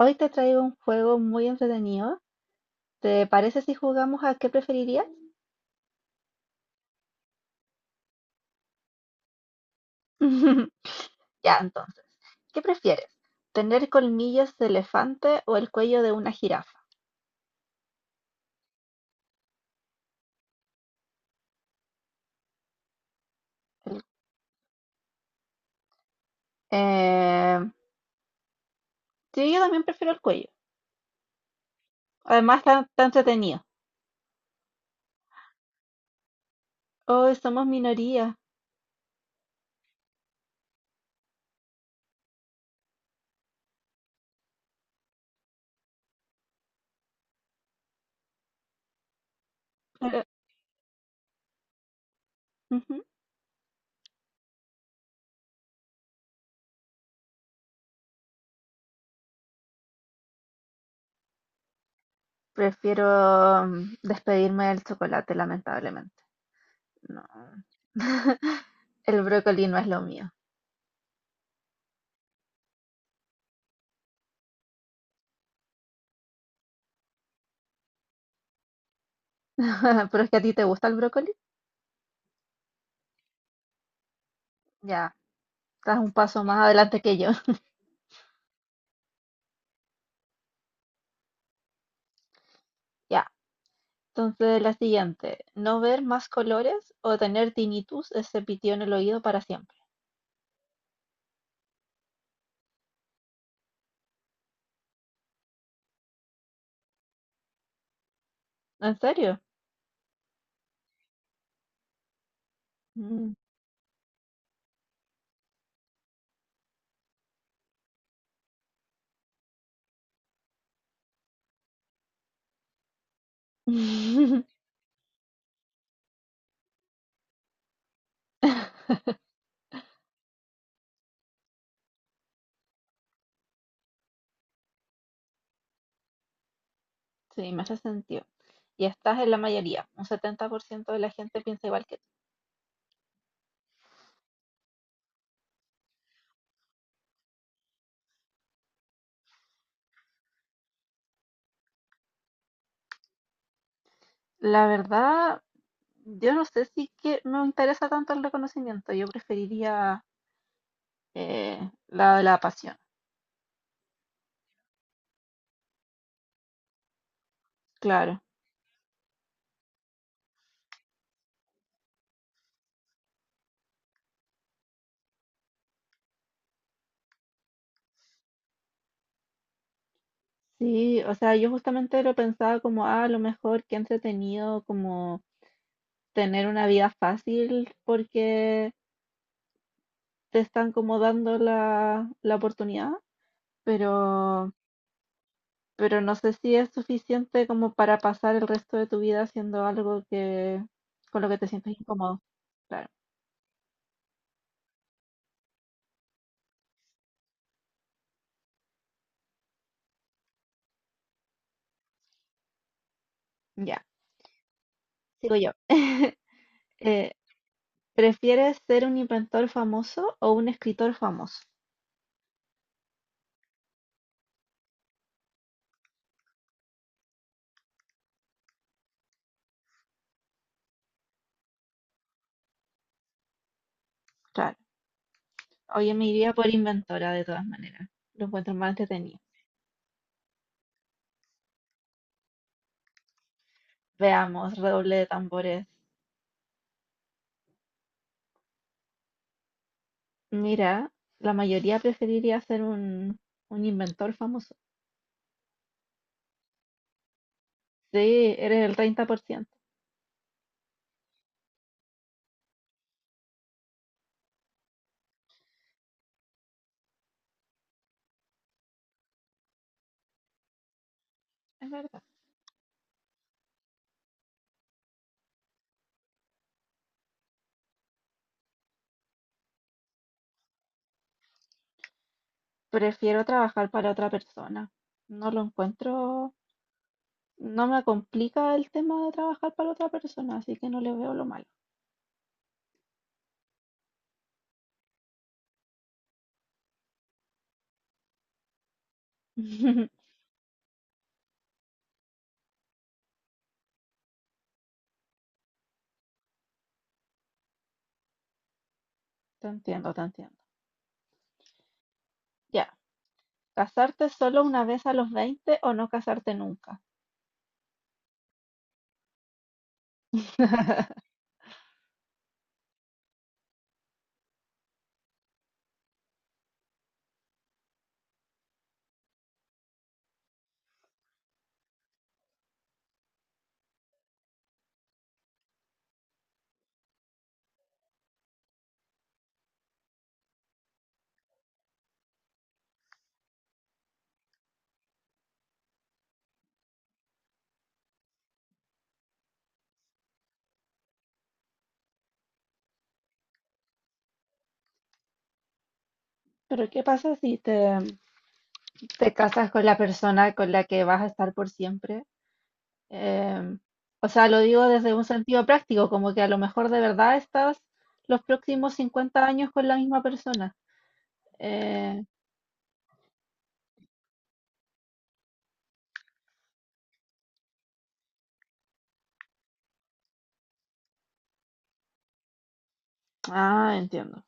Hoy te traigo un juego muy entretenido. ¿Te parece si jugamos a qué preferirías? Ya, entonces, ¿qué prefieres? ¿Tener colmillos de elefante o el cuello de una jirafa? El- Eh, sí, yo también prefiero el cuello. Además, está entretenido. Hoy somos minoría. pero- ujú. Prefiero despedirme del chocolate, lamentablemente. No. El brócoli no es lo mío. ¿Pero es que a ti te gusta el brócoli? Ya, estás un paso más adelante que yo. Ya, entonces la siguiente, no ver más colores o tener tinnitus, ese pitido en el oído para siempre. ¿En serio? Mm. Sí, me hace sentido. Y estás en la mayoría, un 70% de la gente piensa igual que tú. La verdad, yo no sé si que me interesa tanto el reconocimiento, yo preferiría eh, la de la pasión, claro. Sí, o sea, yo justamente lo pensaba como, ah, a lo mejor que entretenido como tener una vida fácil porque te están como dando la oportunidad, pero, pero no sé si es suficiente como para pasar el resto de tu vida haciendo algo que, con lo que te sientes incómodo. Claro, ya, sigo yo. Eh, ¿prefieres ser un inventor famoso o un escritor famoso? Claro, hoy me iría por inventora de todas maneras. Lo encuentro más entretenido. Veamos, redoble de tambores. Mira, la mayoría preferiría ser un inventor famoso. Sí, eres el 30%. Es verdad. Prefiero trabajar para otra persona. No lo encuentro, no me complica el tema de trabajar para otra persona, así que no le veo lo malo. Te entiendo, te entiendo. Ya, casarte solo una vez a los 20 o no casarte nunca. Pero ¿qué pasa si te casas con la persona con la que vas a estar por siempre? Em, o sea, lo digo desde un sentido práctico, como que a lo mejor de verdad estás los próximos 50 años con la misma persona. Eh, ah, entiendo.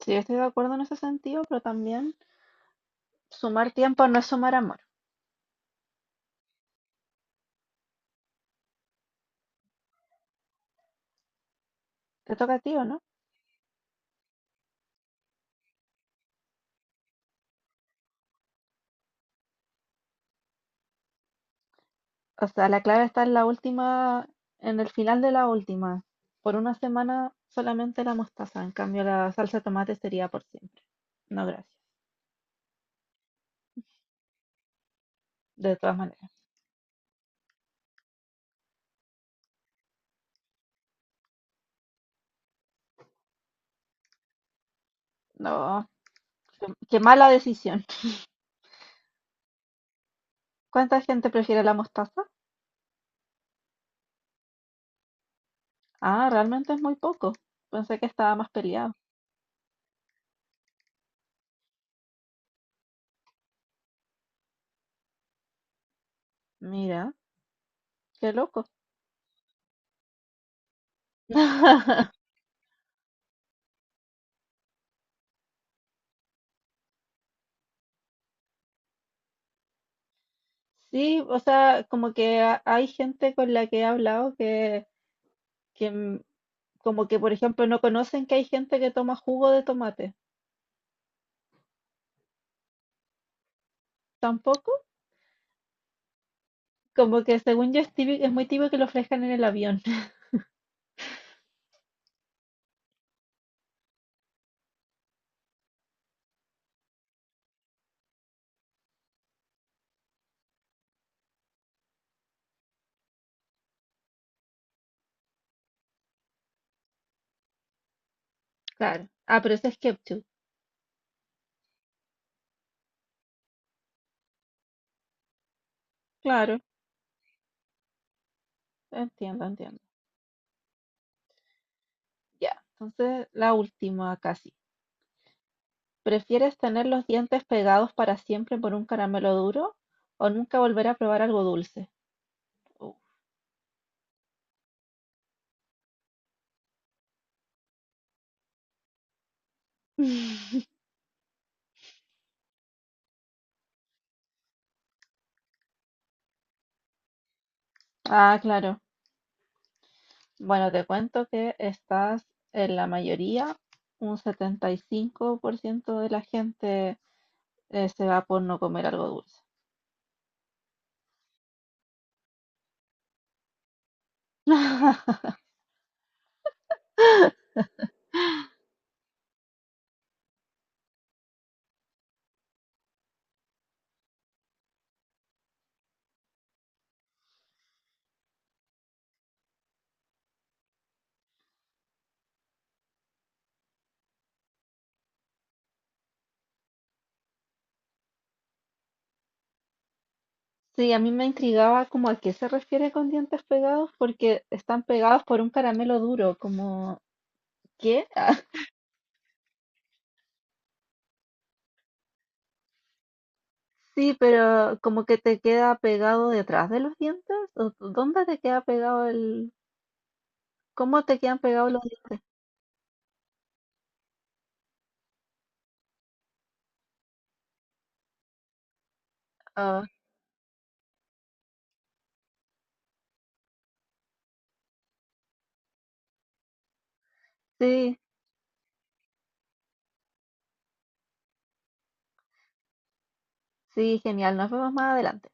Sí, estoy de acuerdo en ese sentido, pero también sumar tiempo no es sumar amor. Te toca a ti, ¿o no? O sea, la clave está en la última, en el final de la última. Por una semana solamente la mostaza, en cambio la salsa de tomate sería por siempre. No, gracias. De todas maneras. No, qué mala decisión. ¿Cuánta gente prefiere la mostaza? Ah, realmente es muy poco. Pensé que estaba más peleado. Mira. Qué loco. Sí, o sea, como que hay gente con la que he hablado que, que, como que, por ejemplo, no conocen que hay gente que toma jugo de tomate. Tampoco. Como que según yo es es muy típico que lo ofrezcan en el avión. Claro. Ah, pero eso es ketchup. Claro, entiendo, entiendo. Ya, entonces la última casi. ¿Prefieres tener los dientes pegados para siempre por un caramelo duro o nunca volver a probar algo dulce? Uh. Ah, claro. Bueno, te cuento que estás en la mayoría, un 75% de la gente se va por no comer algo dulce. Sí, a mí me intrigaba como a qué se refiere con dientes pegados porque están pegados por un caramelo duro, como ¿qué? Sí, pero como que te queda pegado detrás de los dientes, ¿o dónde te queda pegado el... ¿Cómo te quedan pegados los dientes? Ah, sí, sí, genial. Nos vemos más adelante.